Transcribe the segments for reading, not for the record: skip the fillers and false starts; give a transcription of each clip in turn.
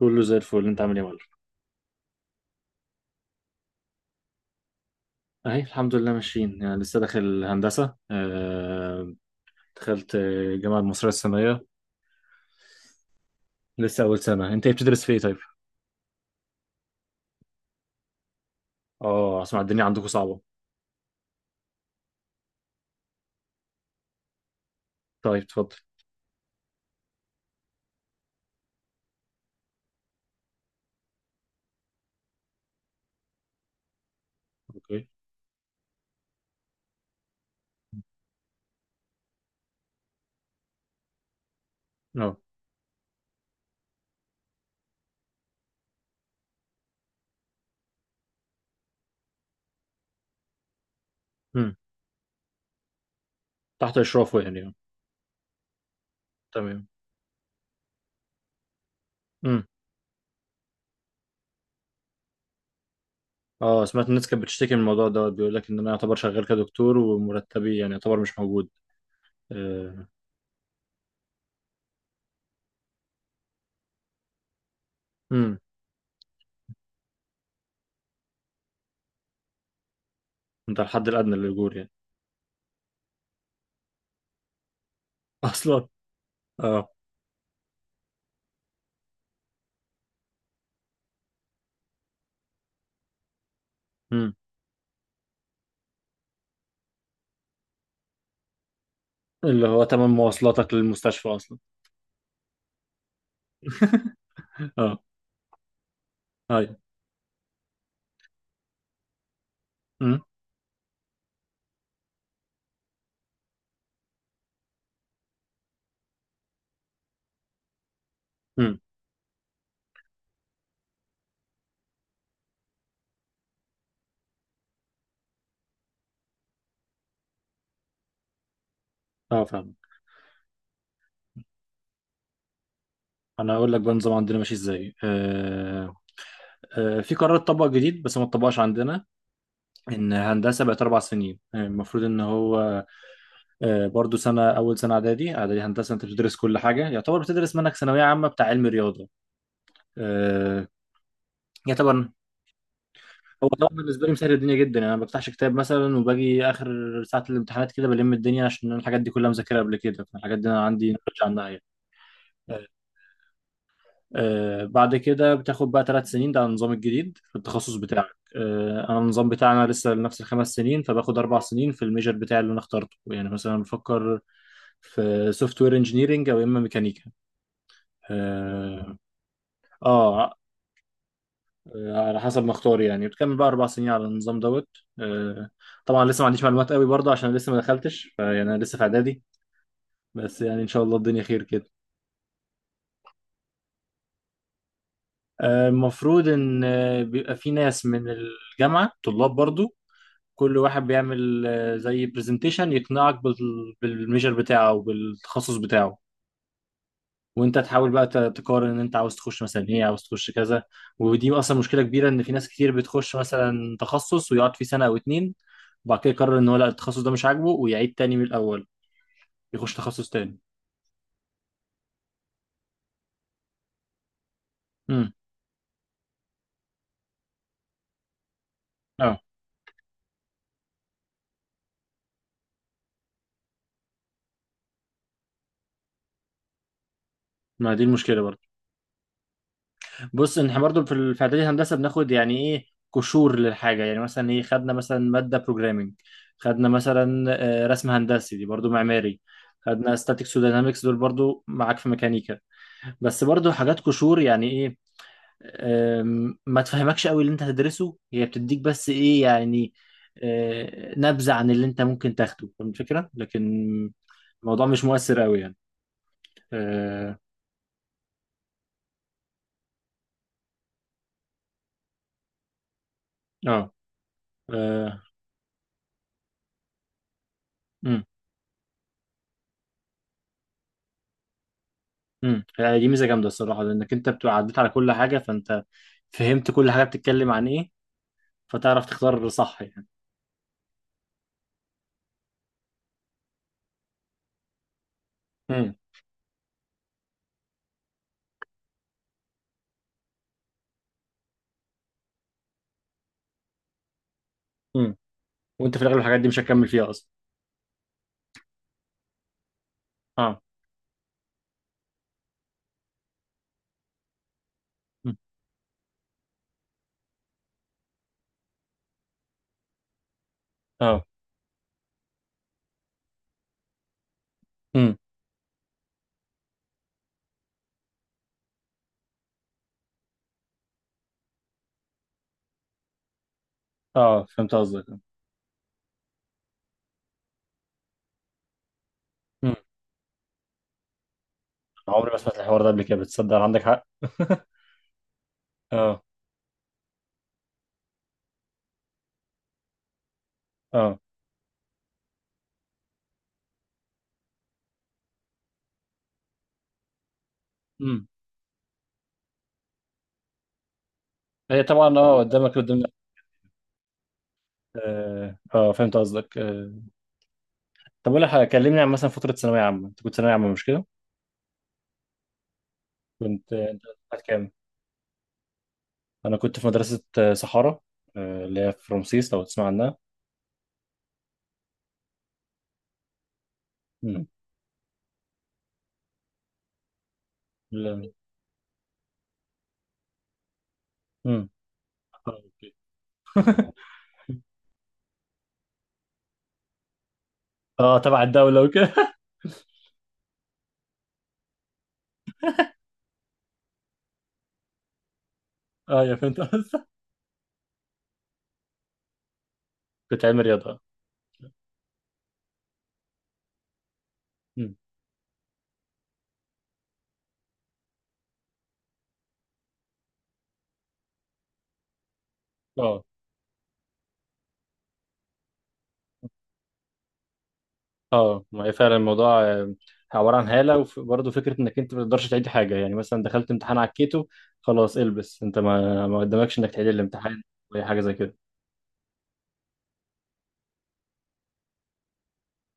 كله زي الفل. انت عامل ايه يا معلم؟ اهي الحمد لله، ماشيين يعني. لسه داخل هندسه. دخلت، الجامعه المصريه السنيه. لسه اول سنه. انت ايه، بتدرس في ايه طيب؟ اه، اسمع، الدنيا عندكم صعبه. طيب اتفضل. اوكي. اه. امم. تحت اشرافه يعني اه. تمام. امم. اه، سمعت الناس كانت بتشتكي من الموضوع دوت، بيقول لك ان انا يعتبر شغال كدكتور ومرتبي يعني يعتبر مش موجود. آه، امم. انت الحد الادنى للاجور يعني. اصلا. اه. امم. اللي هو تمن مواصلاتك للمستشفى اصلا. اه. ايوه. امم. اه فاهم. انا اقول لك بقى النظام عندنا ماشي ازاي. في قرار اتطبق جديد بس ما اتطبقش عندنا، ان هندسه بقت اربع سنين. المفروض ان هو، برضو سنه، اول سنه اعدادي، اعدادي هندسه، انت بتدرس كل حاجه. يعتبر بتدرس منك ثانويه عامه بتاع علم رياضه. آه يعتبر. هو طبعا بالنسبه لي مسهل الدنيا جدا، يعني انا ما بفتحش كتاب مثلا، وباجي اخر ساعه الامتحانات كده بلم الدنيا، عشان أنا الحاجات دي كلها مذاكرها قبل كده، فالحاجات دي انا عندي نولج عنها يعني. بعد كده بتاخد بقى ثلاث سنين، ده النظام الجديد في التخصص بتاعك. انا النظام بتاعنا لسه لنفس الخمس سنين، فباخد اربع سنين في الميجر بتاعي اللي انا اخترته. يعني مثلا بفكر في سوفت وير انجينيرنج او اما ميكانيكا. آه, اه على حسب ما اختار يعني. بتكمل بقى اربع سنين على النظام دوت. آه طبعا لسه ما عنديش معلومات قوي برضه، عشان لسه ما دخلتش، فيعني انا لسه في اعدادي. بس يعني ان شاء الله الدنيا خير كده. المفروض ان بيبقى في ناس من الجامعه، طلاب برضو، كل واحد بيعمل زي برزنتيشن يقنعك بالميجر بتاعه وبالتخصص بتاعه. وانت تحاول بقى تقارن ان انت عاوز تخش مثلا ايه، عاوز تخش كذا. ودي اصلا مشكله كبيره، ان في ناس كتير بتخش مثلا تخصص ويقعد فيه سنه او اتنين، وبعد كده يقرر ان هو لا، التخصص ده مش عاجبه، ويعيد تاني من الاول، يخش تخصص تاني. امم. اه. ما دي المشكله برضه. بص، إن احنا برضو في في اعدادي هندسه بناخد يعني ايه، قشور للحاجه. يعني مثلا ايه، خدنا مثلا ماده بروجرامنج، خدنا مثلا رسم هندسي، دي برضو معماري. خدنا ستاتيكس ودينامكس، دول برضو معاك في ميكانيكا. بس برضو حاجات قشور، يعني ايه. ما تفهمكش قوي اللي انت هتدرسه، هي بتديك بس ايه يعني، نبذه عن اللي انت ممكن تاخده. فاهم الفكره، لكن الموضوع مش مؤثر قوي يعني. اه. اه. آه، مم. امم، يعني دي ميزه جامده الصراحه، لانك انت بتبقى عديت على كل حاجه، فانت فهمت كل حاجه بتتكلم عن ايه، فتعرف تختار صح يعني. امم. امم. وانت في الاغلب الحاجات دي مش هتكمل فيها اصلا. اه. مم. اه. امم. اه فهمت قصدك. امم. عمري ما سمعت الحوار ده قبل كده، بتصدق عندك حق. اه. اه. امم. هي طبعا، اه، قدامك قدامك. فهمت قصدك. طب اقول لك حاجة، كلمني عن مثلا فتره ثانويه عامه. انت كنت ثانويه عامه مش كده؟ كنت انت كام؟ انا كنت في مدرسه صحارى، اللي هي في رمسيس، لو تسمع عنها. مم. لا. مم. اه أوكي. تبع الدوله وكده. اه، يا فهمت قصدك. كنت علمي رياضه. مم. اه. اه ما هي فعلا الموضوع، عباره عن هاله، وبرضه فكره انك انت ما تقدرش تعيد حاجه. يعني مثلا دخلت امتحان عكيته، خلاص البس انت ما قدامكش انك تعيد الامتحان ولا حاجه زي كده.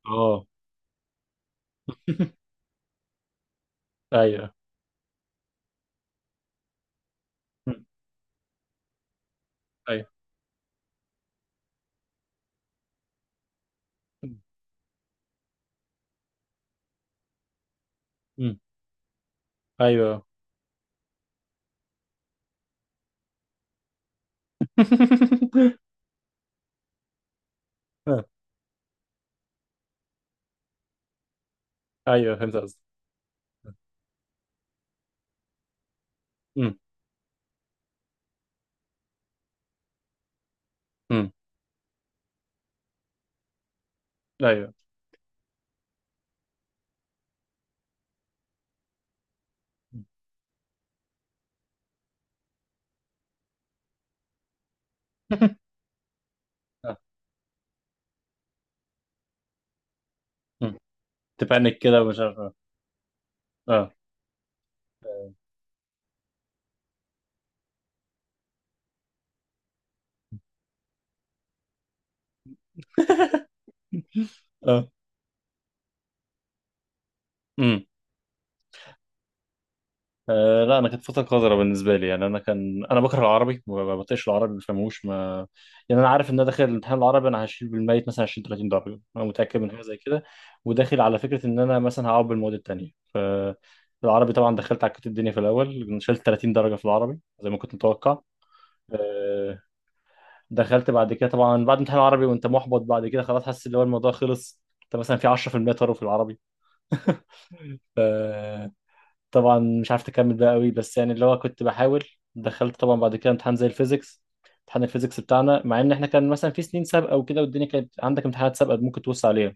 اه. ايوه. مم. ايوه. مم. ايوه. آه، ايوه فهمت قصدك. مم. مم. ايوه. آه. مم. تبانك كده ومش عارف اه اه. آه. مم. لا، انا كانت فتره قذره بالنسبه لي. يعني انا بكره العربي، ما بطيقش العربي، ما بفهموش ما يعني انا عارف ان انا داخل الامتحان العربي انا هشيل بالميت مثلا 20 30 درجه. انا متاكد من حاجه زي كده. وداخل على فكره ان انا مثلا هقعد بالمواد التانيه. ف العربي طبعا دخلت عكيت الدنيا في الاول، شلت 30 درجه في العربي زي ما كنت متوقع. اه، دخلت بعد كده طبعا بعد امتحان العربي وانت محبط، بعد كده خلاص حاسس ان هو الموضوع خلص، انت مثلا في 10% طار في العربي. ف- طبعا مش عارف تكمل بقى قوي، بس يعني اللي هو كنت بحاول. دخلت طبعا بعد كده امتحان زي الفيزيكس. امتحان الفيزيكس بتاعنا، مع ان احنا كان مثلا في سنين سابقه وكده والدنيا كانت عندك امتحانات سابقه ممكن توص عليها،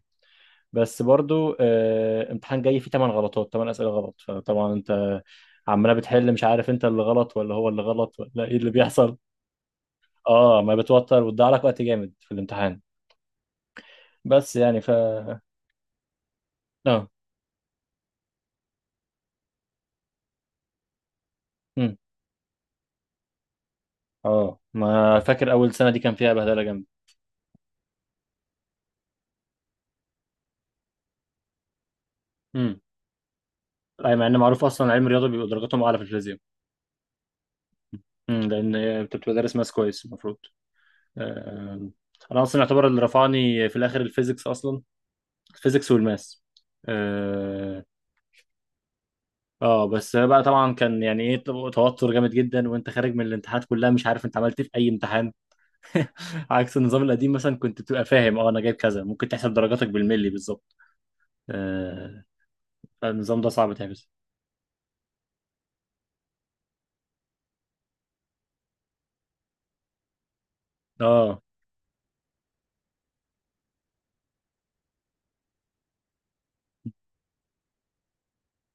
بس برضو امتحان جاي فيه 8 غلطات، 8 اسئله غلط، فطبعا انت عماله بتحل، مش عارف انت اللي غلط ولا هو اللي غلط ولا ايه اللي بيحصل. اه، ما بتوتر وتضيع لك وقت جامد في الامتحان. بس يعني ف اه. امم. اه، ما فاكر اول سنه دي كان فيها بهدله جامده. امم. اي، مع ان معروف اصلا علم الرياضه بيبقى درجاتهم اعلى في الفيزياء. امم، لان انت بتبقى دارس ماس كويس المفروض. آه، انا اصلا يعتبر اللي رفعني في الاخر الفيزيكس اصلا. الفيزيكس والماس. اه. بس بقى طبعا كان يعني ايه، توتر جامد جدا، وانت خارج من الامتحانات كلها مش عارف انت عملت إيه في اي امتحان. عكس النظام القديم، مثلا كنت بتبقى فاهم اه، انا جايب كذا، ممكن تحسب درجاتك بالملي بالظبط. آه، فالنظام ده صعب تحفظ. اه.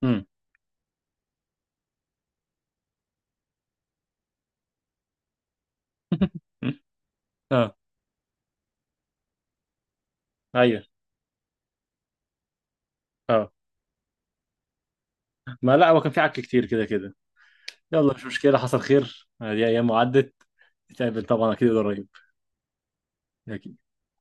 امم. اه. ايوه. اه. ما لا، هو كان في عك كتير كده كده. يلا مش مشكلة، حصل خير. دي ايام وعدت. نتقابل طبعا اكيد، قريب.